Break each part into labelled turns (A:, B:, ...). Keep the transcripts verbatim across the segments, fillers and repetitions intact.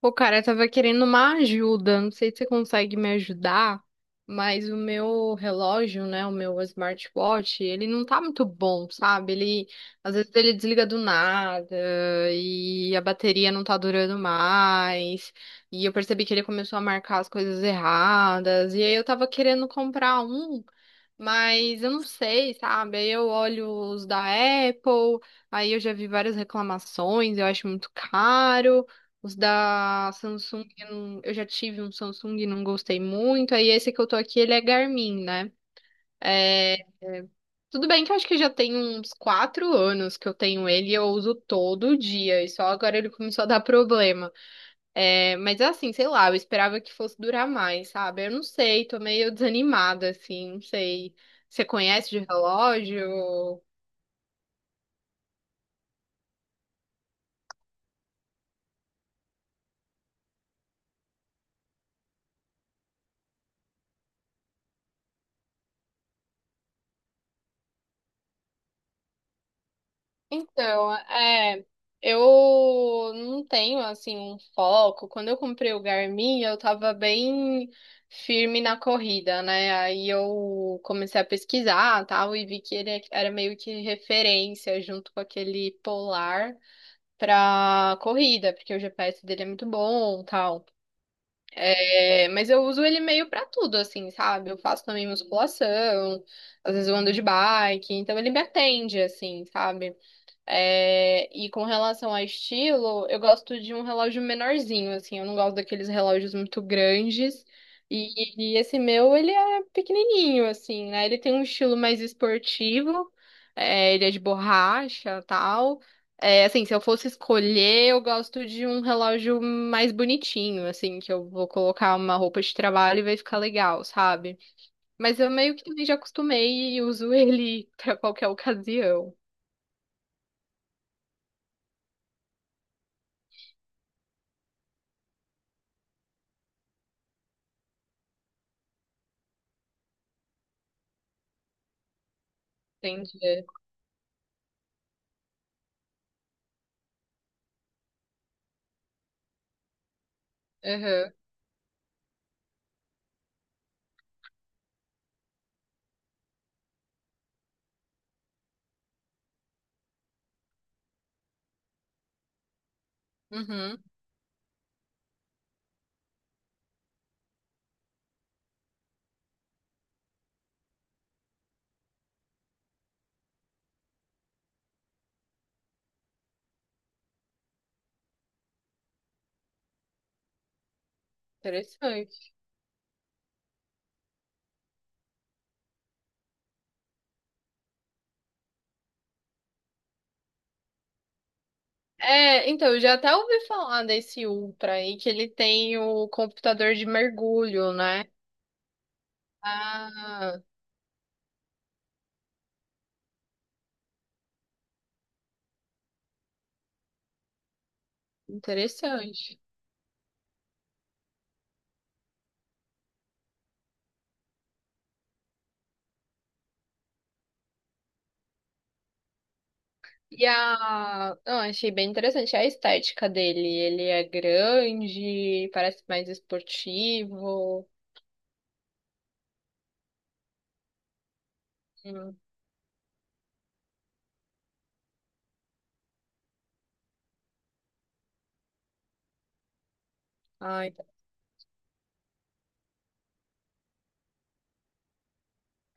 A: Pô, cara, eu tava querendo uma ajuda. Não sei se você consegue me ajudar, mas o meu relógio, né, o meu smartwatch, ele não tá muito bom, sabe? Ele, às vezes ele desliga do nada e a bateria não tá durando mais. E eu percebi que ele começou a marcar as coisas erradas. E aí eu tava querendo comprar um. Mas eu não sei, sabe? Aí eu olho os da Apple, aí eu já vi várias reclamações, eu acho muito caro. Os da Samsung, eu não- eu já tive um Samsung e não gostei muito. Aí esse que eu tô aqui, ele é Garmin, né? É, é. Tudo bem que eu acho que já tem uns quatro anos que eu tenho ele e eu uso todo dia, e só agora ele começou a dar problema. É, mas assim, sei lá, eu esperava que fosse durar mais, sabe? Eu não sei, tô meio desanimada, assim, não sei. Você conhece de relógio? Então, é, eu não tenho assim um foco. Quando eu comprei o Garmin, eu tava bem firme na corrida, né? Aí eu comecei a pesquisar, tal, e vi que ele era meio que referência junto com aquele Polar pra corrida, porque o G P S dele é muito bom, tal. É, mas eu uso ele meio pra tudo, assim, sabe? Eu faço também musculação, às vezes eu ando de bike, então ele me atende, assim, sabe? É, e com relação a estilo, eu gosto de um relógio menorzinho, assim, eu não gosto daqueles relógios muito grandes. E, e esse meu, ele é pequenininho, assim, né? Ele tem um estilo mais esportivo, é, ele é de borracha, tal. É, assim, se eu fosse escolher, eu gosto de um relógio mais bonitinho, assim, que eu vou colocar uma roupa de trabalho e vai ficar legal, sabe? Mas eu meio que também já acostumei e uso ele pra qualquer ocasião. Entendi. Aham. Uhum, interessante. É, então, eu já até ouvi falar desse Ultra aí, que ele tem o computador de mergulho, né? Ah, interessante. E a. Não, achei bem interessante a estética dele. Ele é grande, parece mais esportivo. Hum. Ai.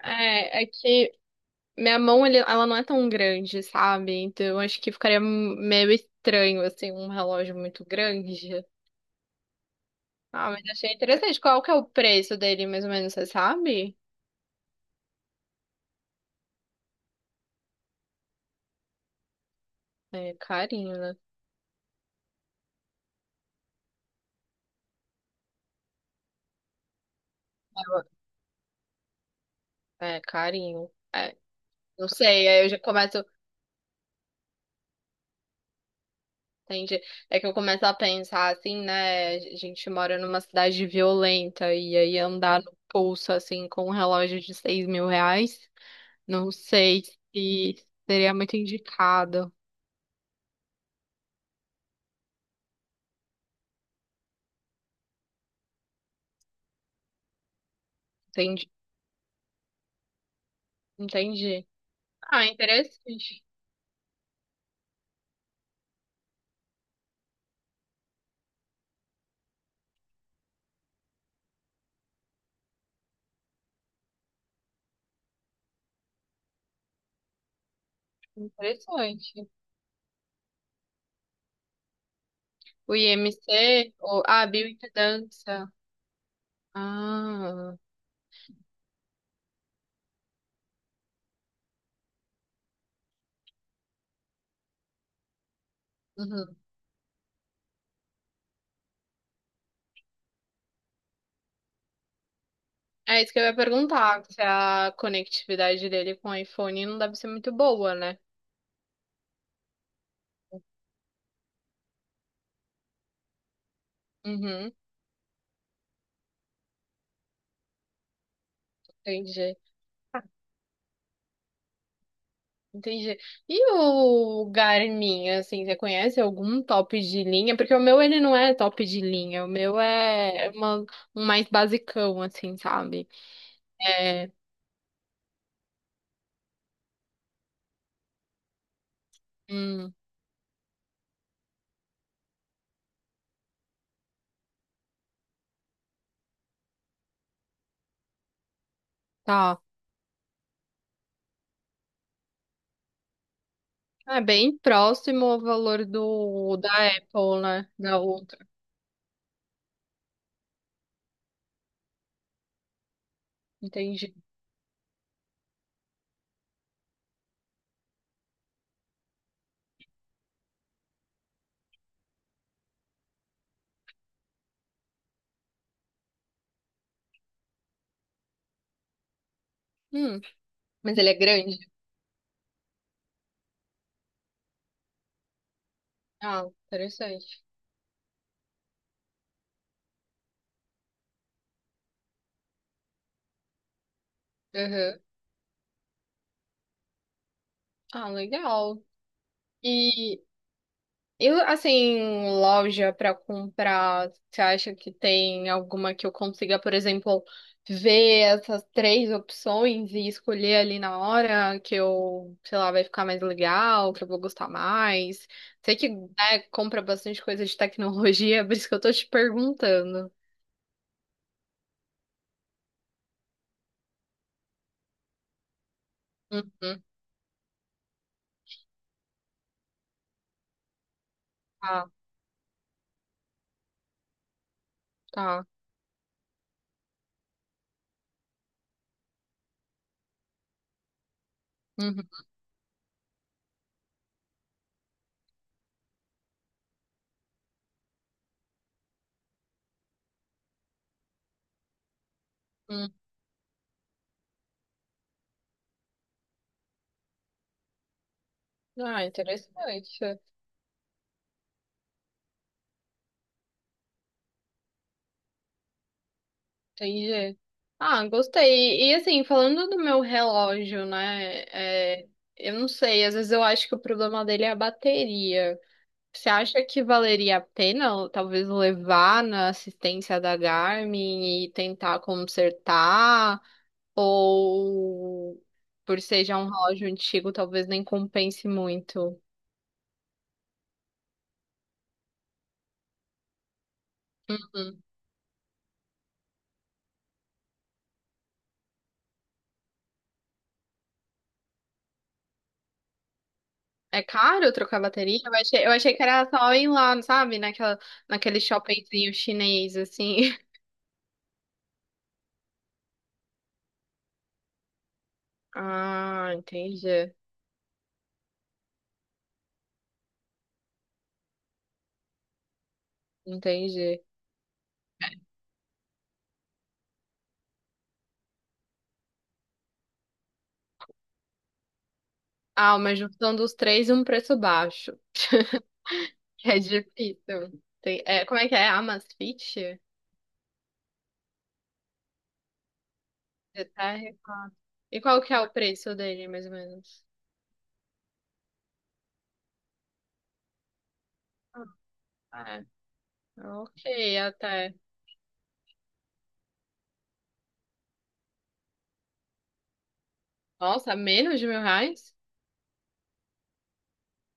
A: É, é que minha mão, ele- ela não é tão grande, sabe? Então, eu acho que ficaria meio estranho, assim, um relógio muito grande. Ah, mas achei interessante. Qual que é o preço dele, mais ou menos, você sabe? É carinho, né? É carinho. É, não sei, aí eu já começo, entende? É que eu começo a pensar assim, né? A gente mora numa cidade violenta e aí andar no pulso, assim, com um relógio de seis mil reais, não sei se seria muito indicado. Entendi. Entendi. Ah, interessante. Interessante. O I M C, ou, ah, bioimpedância. Ah. Uhum. É isso que eu ia perguntar, se a conectividade dele com o iPhone não deve ser muito boa, né? Uhum, entendi, entendi. E o Garmin, assim, você conhece algum top de linha? Porque o meu, ele não é top de linha, o meu é uma- um mais basicão, assim, sabe? É, hum, tá. É bem próximo ao valor do da Apple, né? Da outra, entendi. Hum, mas ele é grande? Ah, interessante. Uhum. Ah, legal. E E assim, loja para comprar, você acha que tem alguma que eu consiga, por exemplo, ver essas três opções e escolher ali na hora que eu, sei lá, vai ficar mais legal, que eu vou gostar mais? Sei que, né, compra bastante coisa de tecnologia, por isso que eu tô te perguntando. Uhum, tá, tá. Uhum, uhum. Ah, interessante. Entendi. Ah, gostei. E assim, falando do meu relógio, né? É, eu não sei, às vezes eu acho que o problema dele é a bateria. Você acha que valeria a pena, talvez, levar na assistência da Garmin e tentar consertar? Ou por ser já um relógio antigo, talvez nem compense muito? Hum. É caro trocar bateria? Eu achei, eu achei que era só ir lá, sabe? Naquela, naquele shoppingzinho chinês, assim. Ah, entendi. Entendi. Ah, uma junção dos três e um preço baixo. É difícil. Tem- é, como é que é? Amasfit? Detalhe. E qual que é o preço dele, mais ou menos? Ah, é. Ok, até. Nossa, menos de mil reais?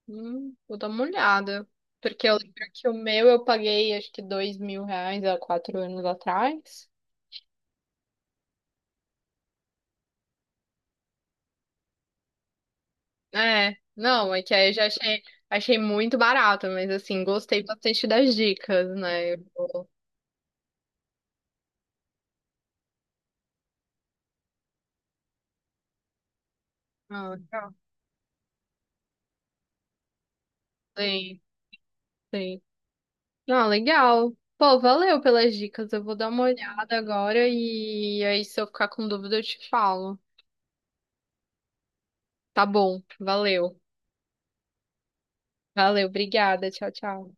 A: Hum, vou dar uma olhada. Porque eu lembro que o meu eu paguei acho que dois mil reais há quatro anos atrás. É, não, é que aí eu já achei, achei muito barato, mas assim, gostei bastante das dicas, né? Eu vou- Ah, legal. Sim, sim. Ah, legal. Pô, valeu pelas dicas. Eu vou dar uma olhada agora e aí se eu ficar com dúvida eu te falo. Tá bom, valeu. Valeu, obrigada. Tchau, tchau.